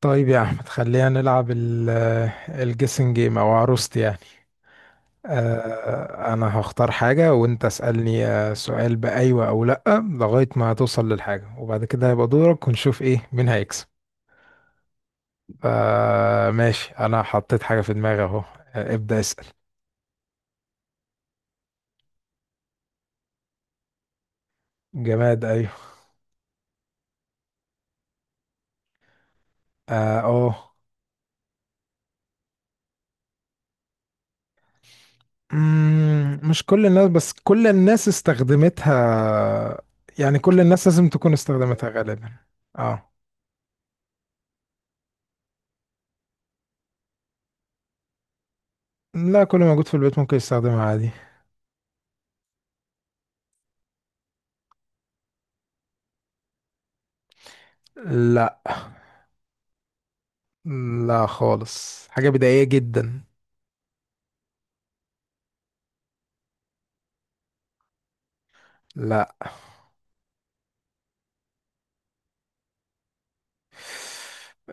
طيب يا احمد خلينا نلعب الجيسنج جيم او عروستي يعني. انا هختار حاجه وانت اسالني سؤال بايوه او لا لغايه ما توصل للحاجه، وبعد كده هيبقى دورك ونشوف ايه مين هيكسب. ماشي، انا حطيت حاجه في دماغي اهو، ابدا اسال. جماد ايوه. اه أوه. مش كل الناس، بس كل الناس استخدمتها. يعني كل الناس لازم تكون استخدمتها غالبا. اه لا، كل موجود في البيت ممكن يستخدمها عادي. لا لا، خالص حاجة بدائية جدا. لا.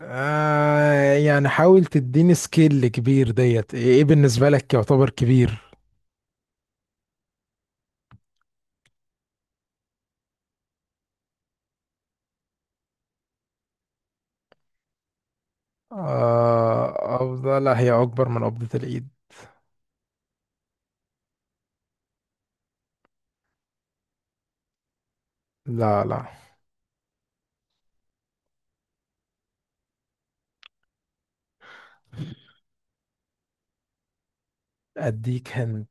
آه يعني حاول تديني سكيل كبير، ديت ايه، إيه بالنسبة لك يعتبر كبير؟ آه أفضل، لا هي أكبر من قبضة الإيد. لا لا. أديك هنت.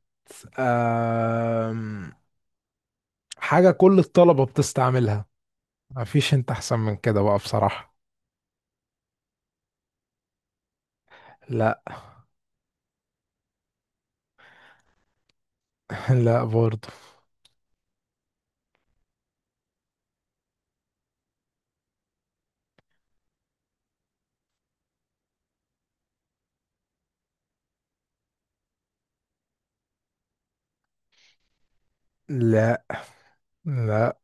آم، حاجة كل الطلبة بتستعملها. مفيش، انت احسن من كده بقى بصراحة. لا. لا برضو. لا. لا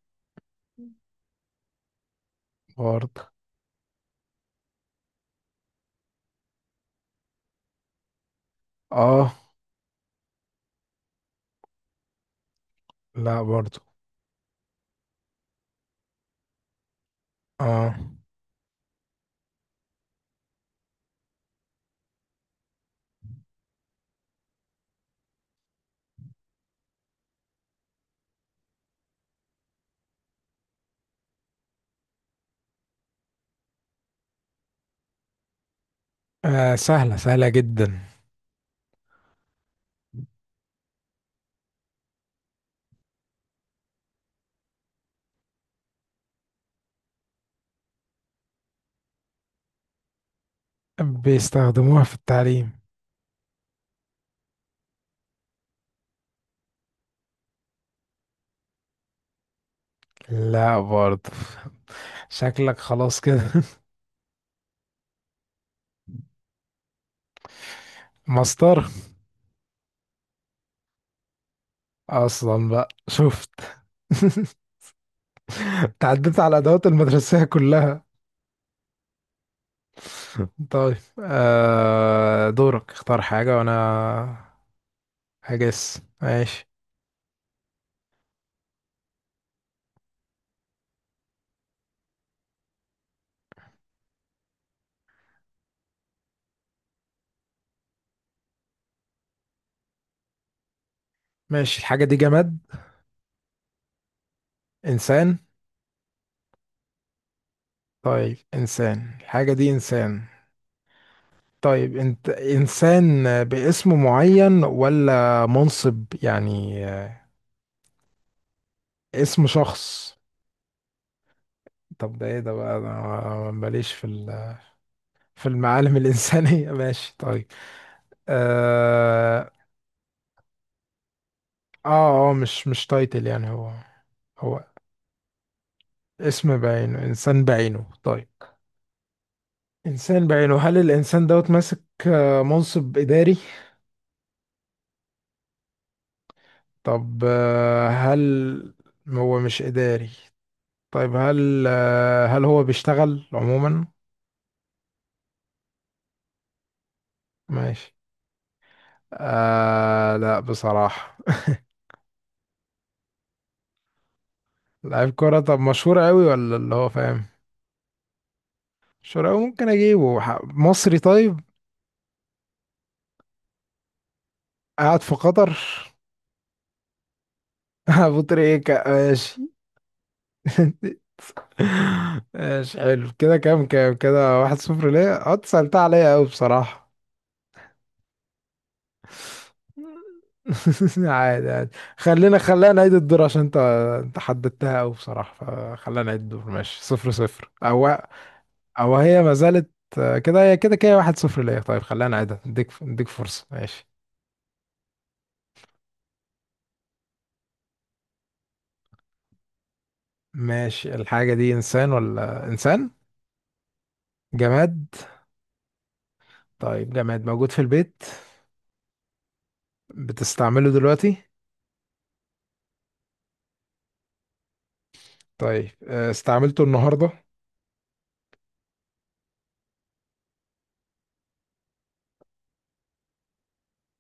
برضو. اه. لا برضو. اه. آه سهلة، سهلة جدا. بيستخدموها في التعليم. لا برضه. شكلك خلاص كده. مسطرة أصلا، بقى شفت؟ تعديت على الأدوات المدرسية كلها. طيب، آه دورك، اختار حاجة وأنا هجس. ماشي. ماشي، الحاجة دي جماد؟ إنسان؟ طيب إنسان، الحاجة دي إنسان؟ طيب انت إنسان باسم معين ولا منصب يعني؟ اسم شخص. طب ده ايه ده بقى، انا ماليش في ال-. في المعالم الانسانيه. ماشي طيب. اه. اه، مش تايتل يعني هو. هو اسم بعينه، انسان بعينه طيب. انسان بعينه، هل الانسان دوت ماسك؟ منصب اداري؟ طب هل هو مش اداري؟ طيب هل هل هو بيشتغل عموما؟ ماشي. آه لا بصراحه. لعيب كرة؟ طب مشهور قوي ولا اللي هو فاهم؟ شراوي؟ ممكن اجيبه، ح- مصري طيب. قاعد في قطر. ابو تريكة ماشي. ماشي حلو كده. كام كام كده؟ واحد صفر ليه، انت سألتها عليا قوي بصراحة. عادي عادي. خلينا خلينا نعيد الدور، عشان انت حددتها قوي بصراحة، فخلينا نعيد الدور. ماشي صفر صفر، او او هي ما زالت. كده هي كده، كده واحد صفر ليه. طيب خلينا نعيدها، اديك اديك فرصة ماشي. ماشي، الحاجة دي انسان ولا انسان؟ جماد. طيب جماد، موجود في البيت؟ بتستعمله دلوقتي؟ طيب استعملته النهاردة؟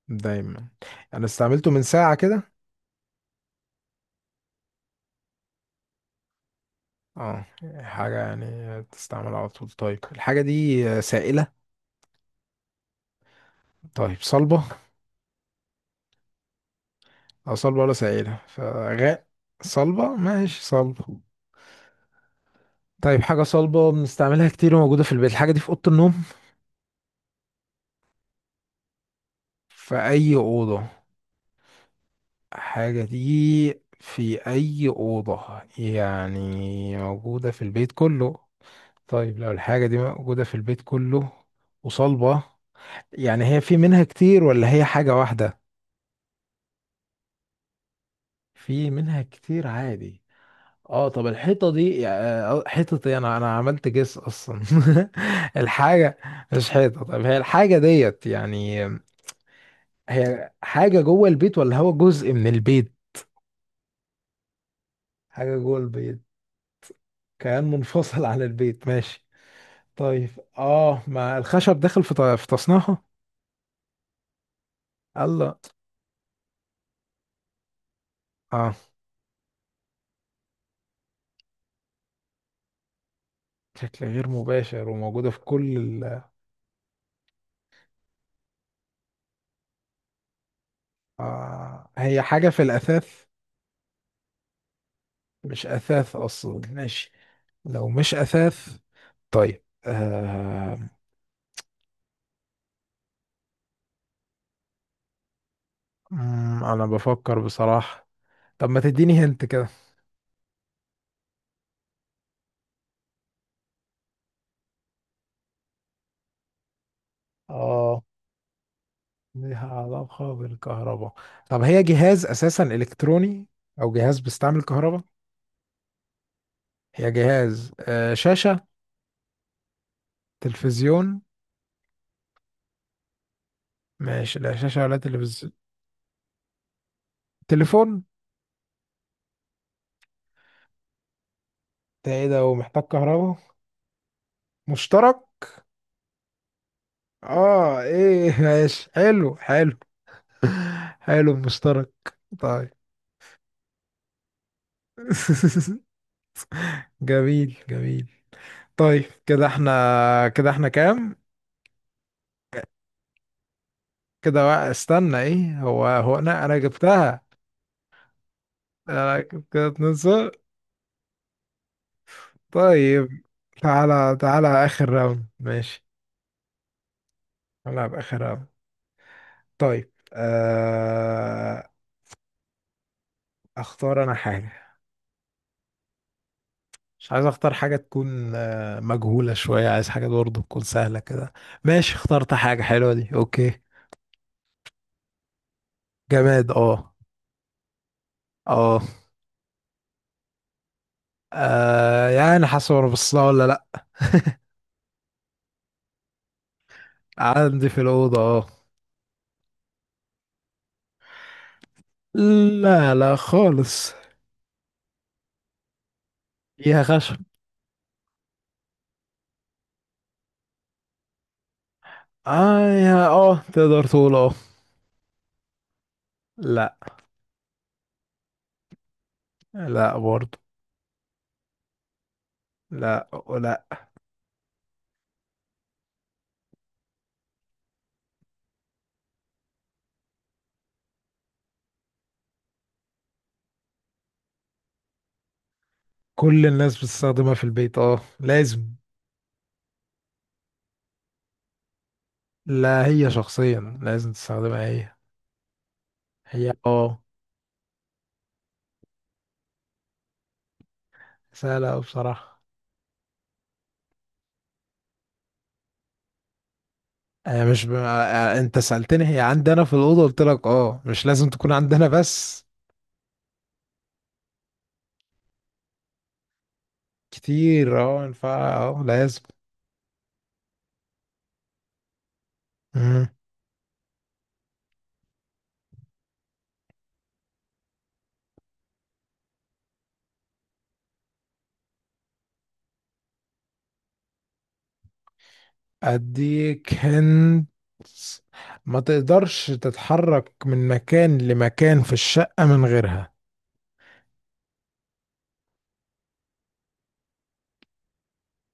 دايما. انا استعملته من ساعة كده. اه حاجة يعني تستعمل على طول. طيب الحاجة دي سائلة؟ طيب صلبة؟ اه، صلبة ولا سائلة فغاء؟ صلبة ماشي، صلبة. طيب حاجة صلبة بنستعملها كتير وموجودة في البيت، الحاجة دي في أوضة النوم؟ في أي أوضة؟ الحاجة دي في أي أوضة، يعني موجودة في البيت كله؟ طيب لو الحاجة دي موجودة في البيت كله وصلبة، يعني هي في منها كتير ولا هي حاجة واحدة؟ في منها كتير عادي. اه طب الحيطة دي، حيطة ايه، انا عملت جس اصلا. الحاجة مش حيطة. طب هي الحاجة ديت يعني، هي حاجة جوه البيت ولا هو جزء من البيت؟ حاجة جوه البيت. كيان منفصل عن البيت ماشي. طيب اه، ما الخشب داخل في ط- في تصنيعها؟ الله. اه بشكل غير مباشر، وموجودة في كل ال-. آه هي حاجة في الأثاث؟ مش أثاث أصلا ماشي. لو مش أثاث، طيب آه. أنا بفكر بصراحة. طب ما تديني هنت كده. آه، ليها علاقة بالكهرباء؟ طب هي جهاز أساسا إلكتروني، أو جهاز بيستعمل كهرباء؟ هي جهاز آه شاشة؟ تلفزيون؟ ماشي لا شاشة ولا تلفزيون. تليفون؟ ده ايه ده ومحتاج كهرباء؟ مشترك. اه ايه. ماشي حلو حلو. حلو المشترك. طيب. جميل جميل. طيب كده احنا، كده احنا كام؟ كده وا- استنى ايه، هو انا جبتها. انا كده اتنين صفر. طيب، تعالى تعالى اخر راوند ماشي. تعالى اخر راوند. طيب آه. اختار انا حاجة، مش عايز اختار حاجة تكون مجهولة شوية، عايز حاجة برضه تكون سهلة كده. ماشي اخترت حاجة حلوة دي اوكي. جماد اه. اه يعني حسب، انا بصلها ولا لا؟ عندي في الأوضة اه. لا لا خالص. فيها خشب اه، يا اه، تقدر تقول اه. لا. لا برضه. لا. لا. كل الناس بتستخدمها في البيت اه، لازم. لا هي شخصيا لازم تستخدمها هي. هي اه. سهلة أوي بصراحة. آه، مش ب... آه، آه، انت سألتني هي عندنا في الأوضة، قلت لك اه مش لازم تكون عندنا بس. كتير اه، ينفع اه لازم. مم. اديك هند. ما تقدرش تتحرك من مكان لمكان في الشقة من غيرها.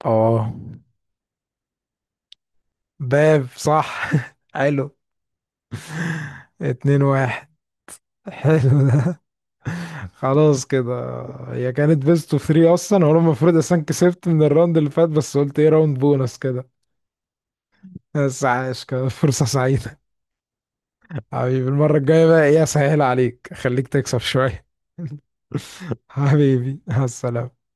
اه. باب صح. حلو. اتنين واحد. حلو ده. خلاص كده. هي كانت بيست اوف 3 اصلا، وانا المفروض اصلا كسبت من الراوند اللي فات، بس قلت ايه راوند بونص كده. بس عاش كانت فرصة سعيدة. حبيبي، المرة الجاية بقى ايه، اسهل عليك خليك تكسب شوية. حبيبي مع السلامة.